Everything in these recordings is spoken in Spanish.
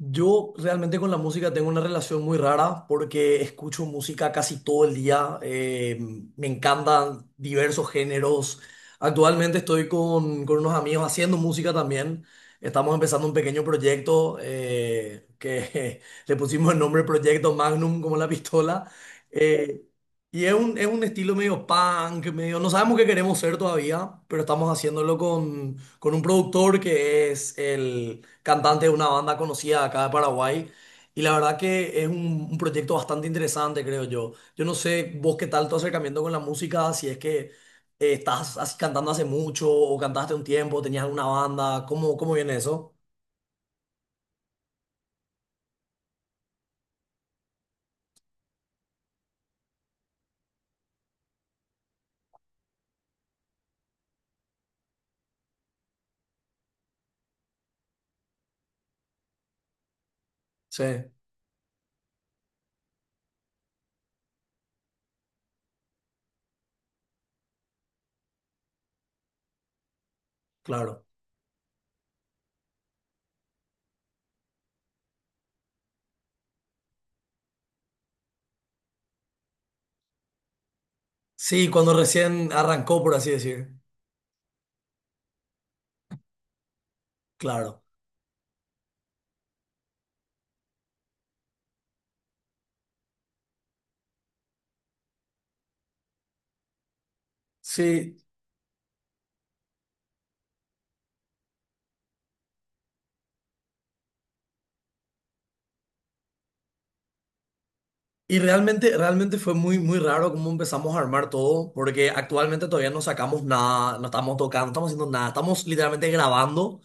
Yo realmente con la música tengo una relación muy rara porque escucho música casi todo el día. Me encantan diversos géneros. Actualmente estoy con unos amigos haciendo música también. Estamos empezando un pequeño proyecto que le pusimos el nombre Proyecto Magnum como la pistola. Eh, y es es un estilo medio punk, medio. No sabemos qué queremos ser todavía, pero estamos haciéndolo con un productor que es el cantante de una banda conocida acá de Paraguay. Y la verdad que es un proyecto bastante interesante, creo yo. Yo no sé vos qué tal tu acercamiento con la música, si es que cantando hace mucho o cantaste un tiempo, tenías alguna banda, ¿cómo, cómo viene eso? Sí, claro. Sí, cuando recién arrancó, por así decir. Claro. Sí, y realmente fue muy, muy raro cómo empezamos a armar todo, porque actualmente todavía no sacamos nada, no estamos tocando, no estamos haciendo nada, estamos literalmente grabando.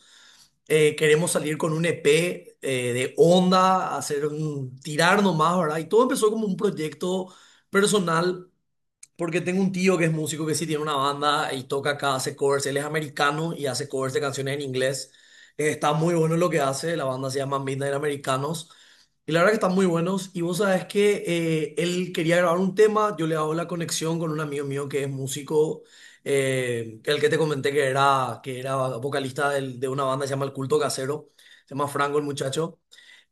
Queremos salir con un EP de onda, hacer un, tirar nomás, ¿verdad? Y todo empezó como un proyecto personal porque tengo un tío que es músico que sí tiene una banda y toca acá, hace covers. Él es americano y hace covers de canciones en inglés. Está muy bueno lo que hace. La banda se llama Midnight Americanos. Y la verdad que están muy buenos. Y vos sabés que él quería grabar un tema. Yo le hago la conexión con un amigo mío que es músico. Que el que te comenté que era vocalista de una banda que se llama El Culto Casero. Se llama Franco el muchacho.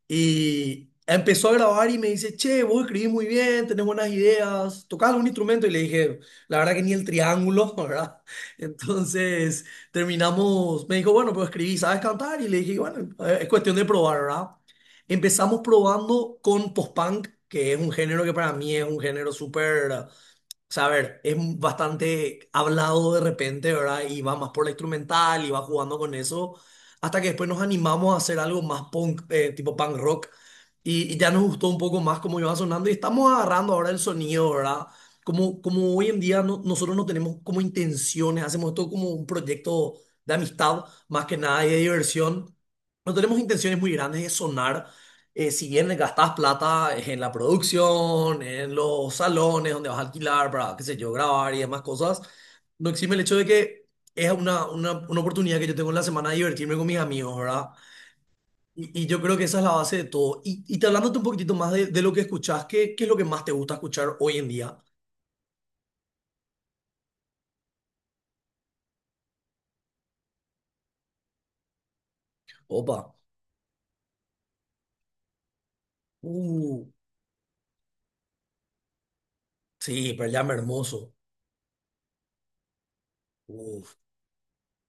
Y empezó a grabar y me dice, che, vos escribís muy bien, tenés buenas ideas, tocás algún instrumento. Y le dije, la verdad que ni el triángulo, ¿verdad? Entonces terminamos, me dijo, bueno, pero escribí, ¿sabes cantar? Y le dije, bueno, es cuestión de probar, ¿verdad? Empezamos probando con post-punk, que es un género que para mí es un género súper, o sea, a ver, es bastante hablado de repente, ¿verdad? Y va más por la instrumental y va jugando con eso, hasta que después nos animamos a hacer algo más punk, tipo punk rock, y ya nos gustó un poco más cómo iba sonando y estamos agarrando ahora el sonido, ¿verdad? Como, como hoy en día nosotros no tenemos como intenciones, hacemos esto como un proyecto de amistad, más que nada y de diversión. No tenemos intenciones muy grandes de sonar, si bien gastás plata en la producción, en los salones donde vas a alquilar para, qué sé yo, grabar y demás cosas, no exime el hecho de que es una oportunidad que yo tengo en la semana de divertirme con mis amigos, ¿verdad? Y yo creo que esa es la base de todo. Y te hablándote un poquitito más de lo que escuchás, ¿qué, qué es lo que más te gusta escuchar hoy en día? Opa, uh, sí, Pearl Jam hermoso. Uf.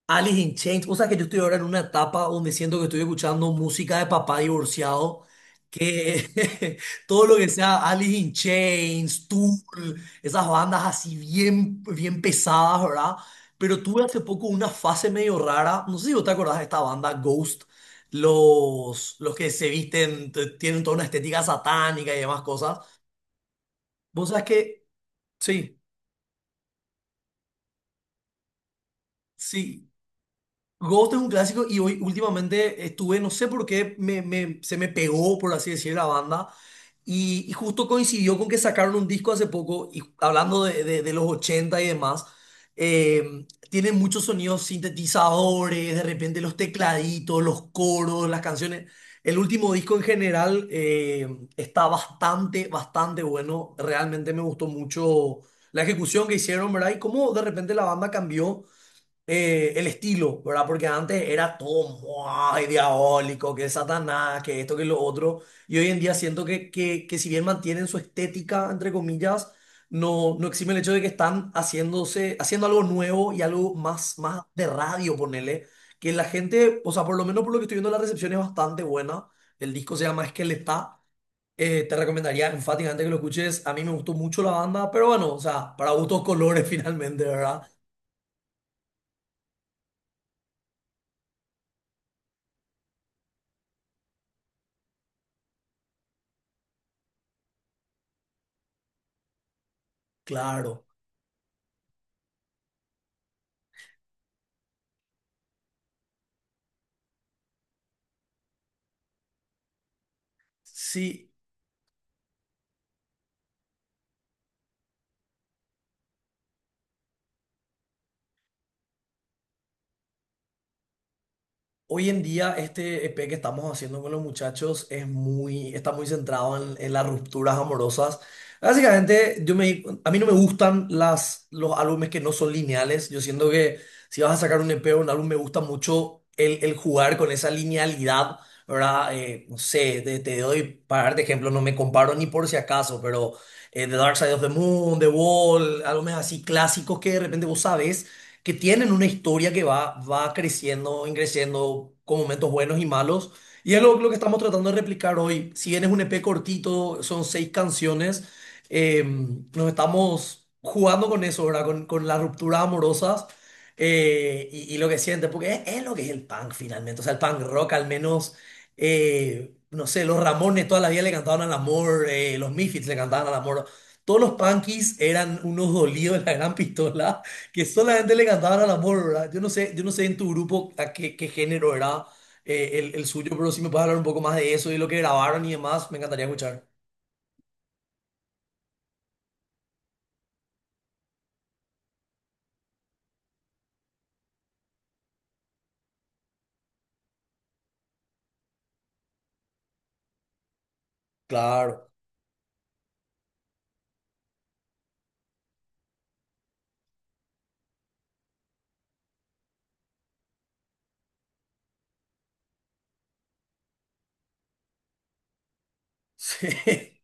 Alice in Chains, o sea que yo estoy ahora en una etapa donde siento que estoy escuchando música de papá divorciado, que todo lo que sea Alice in Chains, Tool, esas bandas así bien, bien pesadas, ¿verdad? Pero tuve hace poco una fase medio rara, no sé si vos te acordás de esta banda Ghost, los que se visten, tienen toda una estética satánica y demás cosas. Vos sabés que, sí, sí. Ghost es un clásico y hoy últimamente estuve, no sé por qué, se me pegó, por así decir, la banda. Y justo coincidió con que sacaron un disco hace poco, y hablando de los 80 y demás, tienen muchos sonidos sintetizadores, de repente los tecladitos, los coros, las canciones. El último disco en general está bastante, bastante bueno. Realmente me gustó mucho la ejecución que hicieron, ¿verdad? Y cómo de repente la banda cambió el estilo, ¿verdad? Porque antes era todo muy diabólico, que Satanás, que esto, que lo otro. Y hoy en día siento que si bien mantienen su estética, entre comillas, no, no exime el hecho de que están haciéndose, haciendo algo nuevo y algo más, más de radio, ponele. Que la gente, o sea, por lo menos por lo que estoy viendo, la recepción es bastante buena. El disco se llama Esqueleta. Te recomendaría enfáticamente que lo escuches. A mí me gustó mucho la banda, pero bueno, o sea, para gustos colores finalmente, ¿verdad? Claro. Sí, hoy en día este EP que estamos haciendo con los muchachos es muy, está muy centrado en las rupturas amorosas. Básicamente, yo me, di a mí no me gustan los álbumes que no son lineales. Yo siento que si vas a sacar un EP o un álbum, me gusta mucho el jugar con esa linealidad, ¿verdad? No sé, te doy, para darte ejemplo, no me comparo ni por si acaso, pero The Dark Side of the Moon, The Wall, álbumes así clásicos que de repente vos sabés que tienen una historia que va, va creciendo, creciendo con momentos buenos y malos. Y es lo que estamos tratando de replicar hoy. Si bien es un EP cortito, son 6 canciones, eh, nos estamos jugando con eso, ¿verdad? Con las rupturas amorosas, y lo que sientes, porque es lo que es el punk finalmente. O sea, el punk rock al menos... No sé, los Ramones toda la vida le cantaban al amor, los Misfits le cantaban al amor. Todos los punkies eran unos dolidos de la gran pistola que solamente le cantaban al amor, ¿verdad? Yo no sé en tu grupo a qué, qué género era el suyo, pero si me puedes hablar un poco más de eso y lo que grabaron y demás, me encantaría escuchar. Claro, sí,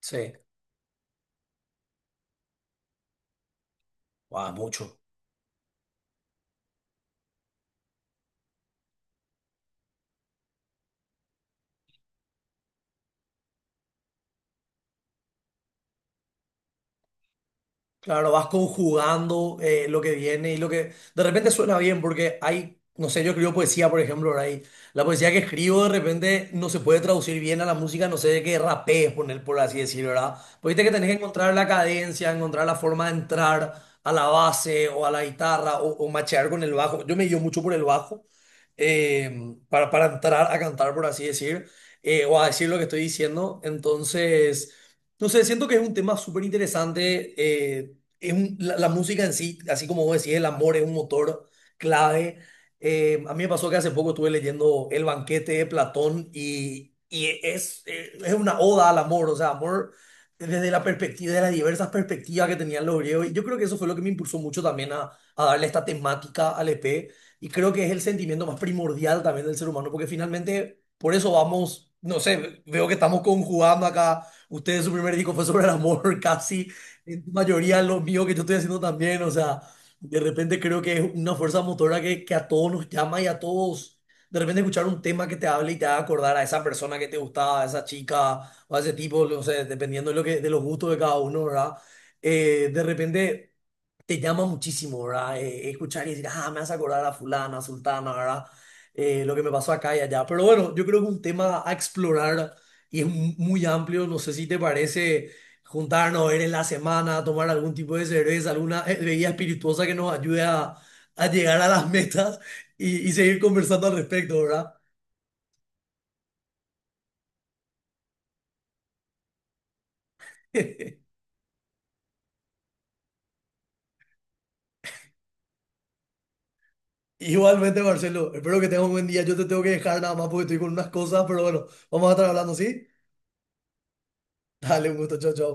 sí, wow, mucho. Claro, vas conjugando lo que viene y lo que de repente suena bien porque hay, no sé, yo escribo poesía, por ejemplo, ahora y la poesía que escribo de repente no se puede traducir bien a la música, no sé de qué rapé poner, por así decirlo, ¿verdad? Pues viste que tenés que encontrar la cadencia, encontrar la forma de entrar a la base o a la guitarra o machear con el bajo. Yo me guío mucho por el bajo, para entrar a cantar, por así decir, o a decir lo que estoy diciendo. Entonces... No sé, siento que es un tema súper interesante, la, la música en sí, así como vos decís, el amor es un motor clave. A mí me pasó que hace poco estuve leyendo El banquete de Platón y es una oda al amor, o sea, amor desde la perspectiva, de las diversas perspectivas que tenían los griegos. Y yo creo que eso fue lo que me impulsó mucho también a darle esta temática al EP. Y creo que es el sentimiento más primordial también del ser humano, porque finalmente por eso vamos, no sé, veo que estamos conjugando acá. Ustedes su primer disco fue sobre el amor casi en su mayoría lo mío que yo estoy haciendo también, o sea, de repente creo que es una fuerza motora que a todos nos llama y a todos, de repente escuchar un tema que te hable y te haga acordar a esa persona que te gustaba, a esa chica o a ese tipo, no sé, dependiendo de lo que, de los gustos de cada uno, ¿verdad? De repente te llama muchísimo, ¿verdad? Escuchar y decir, ah, me hace acordar a fulana, sultana, ¿verdad? Lo que me pasó acá y allá. Pero bueno, yo creo que es un tema a explorar y es muy amplio. No sé si te parece juntarnos, ver en la semana, tomar algún tipo de cerveza, alguna bebida espirituosa que nos ayude a llegar a las metas y seguir conversando al respecto, ¿verdad? Igualmente, Marcelo, espero que tengas un buen día. Yo te tengo que dejar nada más porque estoy con unas cosas, pero bueno, vamos a estar hablando, ¿sí? Dale, un gusto, chao, chao.